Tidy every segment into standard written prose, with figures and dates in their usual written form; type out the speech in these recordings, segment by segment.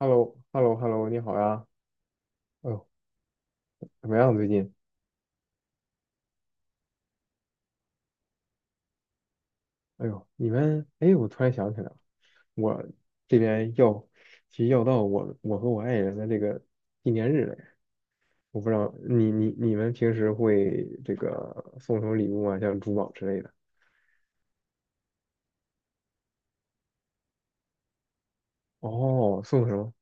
h e l l o h e l l o h e l l o 你好呀。哎呦，怎么样最近？哎呦，你们，哎，我突然想起来了，我这边要，其实要到我和我爱人的这个纪念日了。我不知道你们平时会这个送什么礼物啊？像珠宝之类的？哦，送什么？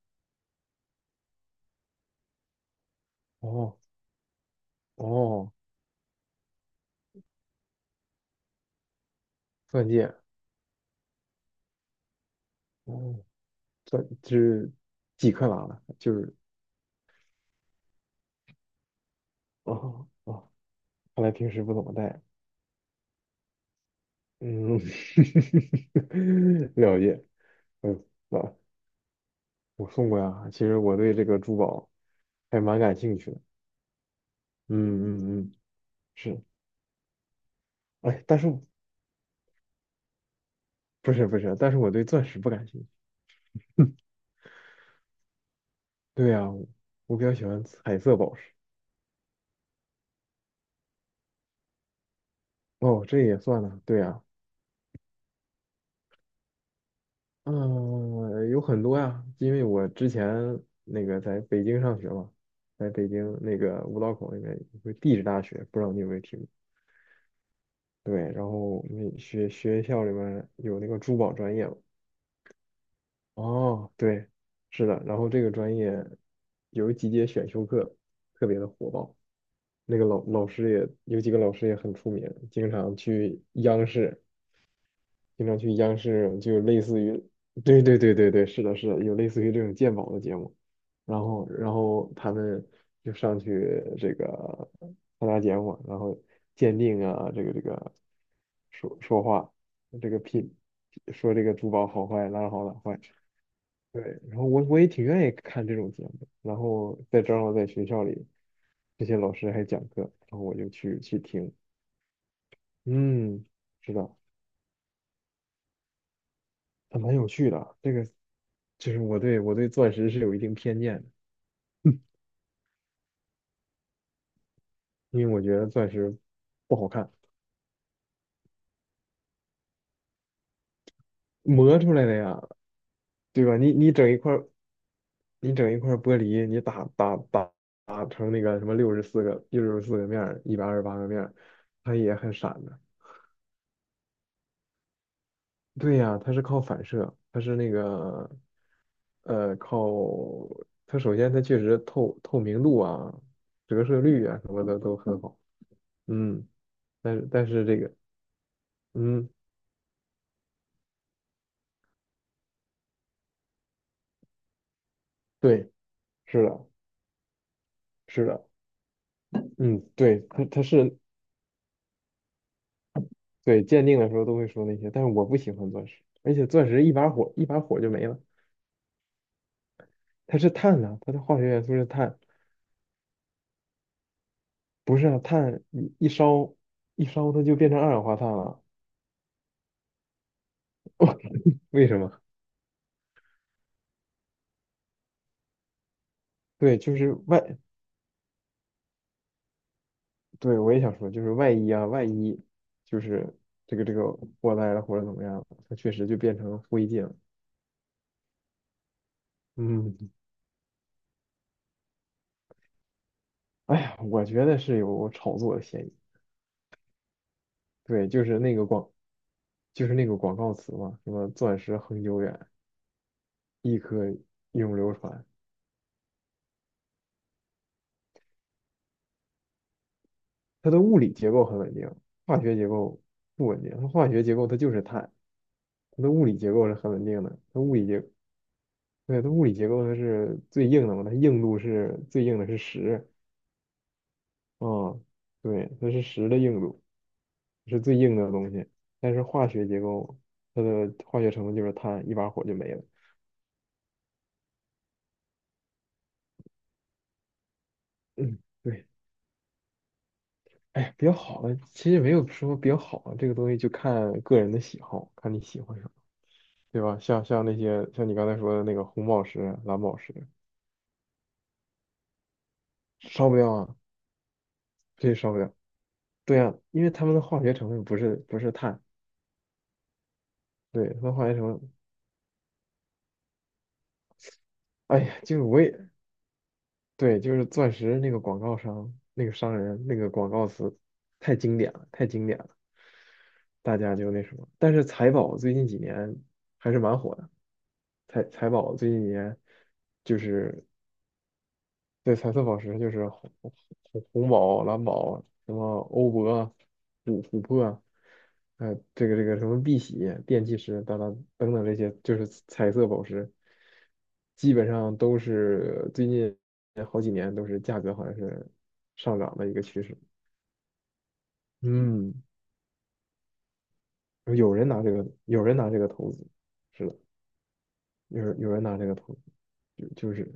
哦哦，钻戒。哦，钻是几克拉的？就是哦哦，看来平时不怎么戴。嗯，了解。嗯。我送过呀。其实我对这个珠宝还蛮感兴趣的。嗯嗯嗯，是。哎，但是我不是不是，但是我对钻石不感兴趣。对呀，我比较喜欢彩色宝石。哦，这也算呢。对呀，嗯，有很多呀，因为我之前那个在北京上学嘛，在北京那个五道口那边有个地质大学，不知道你有没有听过？对，然后那学校里面有那个珠宝专业嘛。哦，对，是的，然后这个专业有几节选修课特别的火爆，那个老老师也有几个老师也很出名，经常去央视，经常去央视就有类似于，对对对对对，是的是的，有类似于这种鉴宝的节目，然后他们就上去这个参加节目，然后鉴定啊，这个说话，这个品说这个珠宝好坏，哪儿好哪儿坏。对，然后我也挺愿意看这种节目，然后在正好在学校里，这些老师还讲课，然后我就去听，嗯，是的，还蛮有趣的。这个就是我对钻石是有一定偏见的，因为我觉得钻石不好看，磨出来的呀，对吧？你整一块儿，你整一块儿玻璃，你打成那个什么六十四个面儿，128个面儿，它也很闪的。对呀，它是靠反射，它是那个呃靠它首先它确实明度啊、折射率啊什么的都很好，嗯，但是这个。嗯。对。是的，是的。嗯。对，它是对鉴定的时候都会说那些，但是我不喜欢钻石，而且钻石一把火就没了，它是碳呐、它的化学元素是碳，不是啊，碳一烧它就变成二氧化碳了，为什么？对，就是外对，我也想说，就是万一啊，万一就是这个这个祸害了或者怎么样了它确实就变成灰烬了。嗯，哎呀，我觉得是有炒作的嫌疑。对，就是那个广告词嘛，什么"钻石恒久远，一颗永流传"。它的物理结构很稳定，化学结构不稳定。它化学结构它就是碳，它的物理结构是很稳定的。它物理结，对，它物理结构它是最硬的嘛，它硬度是最硬的是十。嗯，对，它是石的硬度，是最硬的东西。但是化学结构，它的化学成分就是碳，一把火就没了。嗯，对。哎，比较好的其实没有说比较好的，这个东西就看个人的喜好，看你喜欢什么，对吧？像那些像你刚才说的那个红宝石、蓝宝石，烧不掉啊，这烧不掉。对啊，因为它们的化学成分不是碳，对，它们化学成分，哎呀，就是我也对，就是钻石那个广告商、那个商人、那个广告词，太经典了，太经典了，大家就那什么。但是财宝最近几年还是蛮火的，财宝最近几年就是对，彩色宝石就是红宝、蓝宝，什么欧泊、琥珀，这个什么碧玺、电气石等等等等这些，就是彩色宝石，基本上都是最近好几年都是价格好像是上涨的一个趋势。嗯，有人拿这个，有人拿这个投资，是的，有人拿这个投资，就就是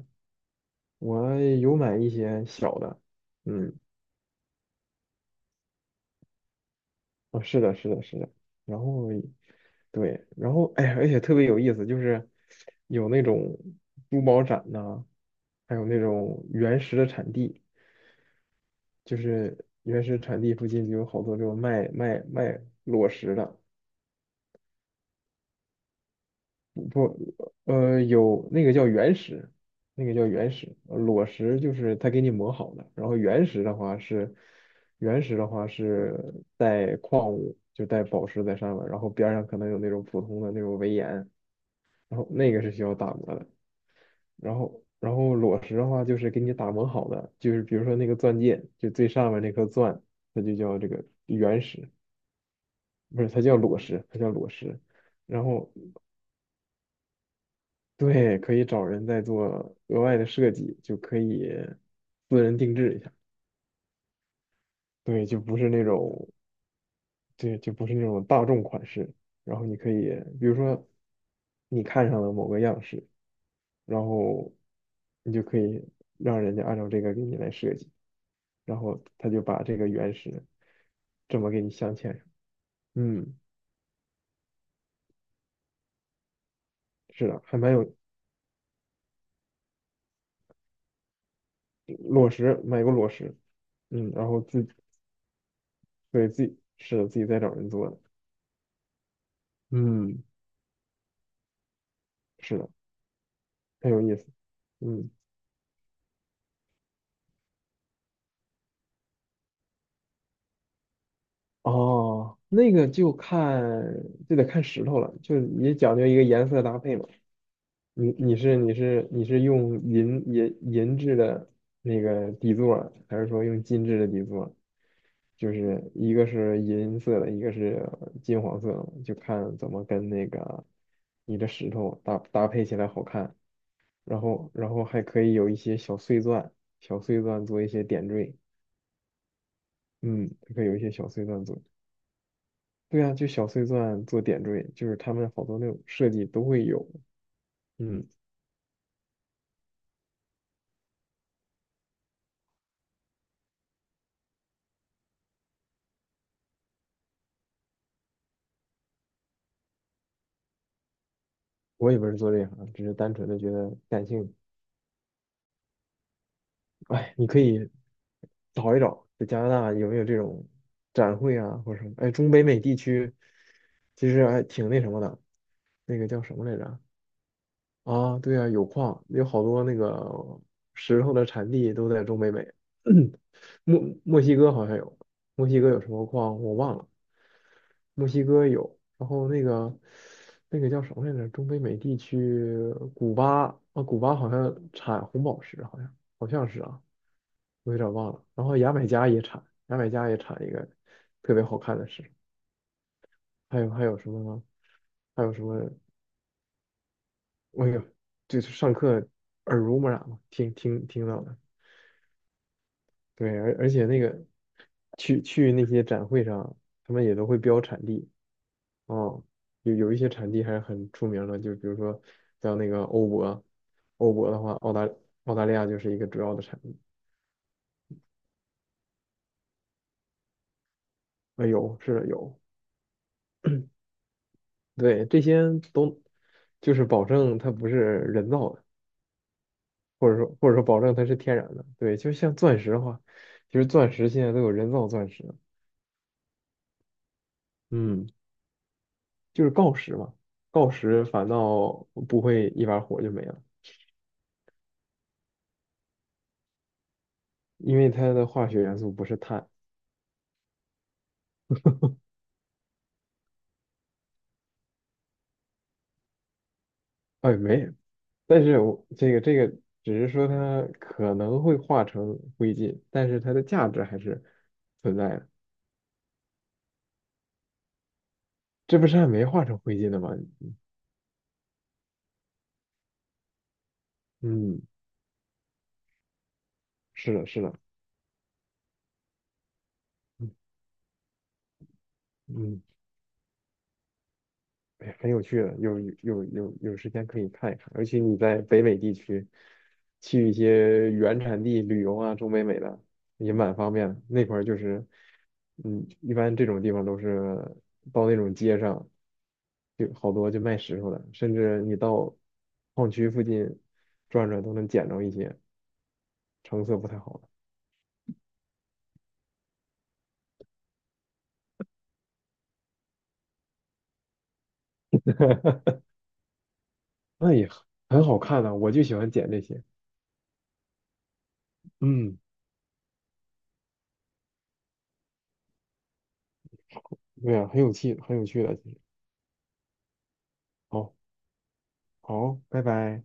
我有买一些小的，嗯。啊，是的，是的，是的。然后，对，然后哎呀，而且特别有意思，就是有那种珠宝展呐、还有那种原石的产地，就是原石产地附近就有好多这种卖裸石的，不，有那个叫原石，那个叫原石，裸石就是他给你磨好的，然后原石的话是，原石的话是带矿物，就带宝石在上面，然后边儿上可能有那种普通的那种围岩。然后那个是需要打磨的，然后裸石的话就是给你打磨好的，就是比如说那个钻戒，就最上面那颗钻，它就叫这个原石，不是它叫裸石，它叫裸石。然后对，可以找人再做额外的设计，就可以私人定制一下。对，就不是那种，对，就不是那种大众款式。然后你可以，比如说你看上了某个样式，然后你就可以让人家按照这个给你来设计。然后他就把这个原石这么给你镶嵌上。嗯，是的，还蛮有裸石，买过裸石。嗯，然后自对自己是的自己在找人做的。嗯，是的，很有意思。嗯，哦，那个就得看石头了，就也讲究一个颜色搭配嘛。你是用银质的那个底座，还是说用金质的底座？就是一个是银色的，一个是金黄色的，就看怎么跟那个你的石头搭配起来好看。然后还可以有一些小碎钻，小碎钻做一些点缀。嗯，它可以有一些小碎钻做。对啊，就小碎钻做点缀，就是他们好多那种设计都会有。嗯，我也不是做这行，只是单纯的觉得感兴趣。哎，你可以找一找，在加拿大有没有这种展会啊，或者什么？哎，中北美地区其实还挺那什么的，那个叫什么来着？啊，对啊，有矿，有好多那个石头的产地都在中北美，墨西哥好像有，墨西哥有什么矿我忘了，墨西哥有，然后那个叫什么来着？中北美地区，古巴啊，古巴好像产红宝石，好像是啊，我有点忘了。然后牙买加也产，牙买加也产一个特别好看的石，还有什么呢？还有什么？我有，就是上课耳濡目染嘛，听到的。对，而且那个去那些展会上，他们也都会标产地。哦，有一些产地还是很出名的，就比如说像那个欧泊，欧泊的话，澳大利亚就是一个主要的产地。啊，有，是的，有。对，这些都就是保证它不是人造的，或者说保证它是天然的。对，就像钻石的话，其实钻石现在都有人造钻石。嗯。就是锆石嘛，锆石反倒不会一把火就没了，因为它的化学元素不是碳，哎，没，但是我只是说它可能会化成灰烬，但是它的价值还是存在的。这不是还没化成灰烬的吗？嗯，是的，是的，嗯嗯。哎呀很有趣的，有时间可以看一看，尤其你在北美地区，去一些原产地旅游啊，中北美的也蛮方便的。那块儿就是，嗯，一般这种地方都是到那种街上，就好多就卖石头的，甚至你到矿区附近转转都能捡着一些成色不太好的，那也很好看的，我就喜欢捡这些。嗯，对啊，很有趣，很有趣的，其实好，好，拜拜。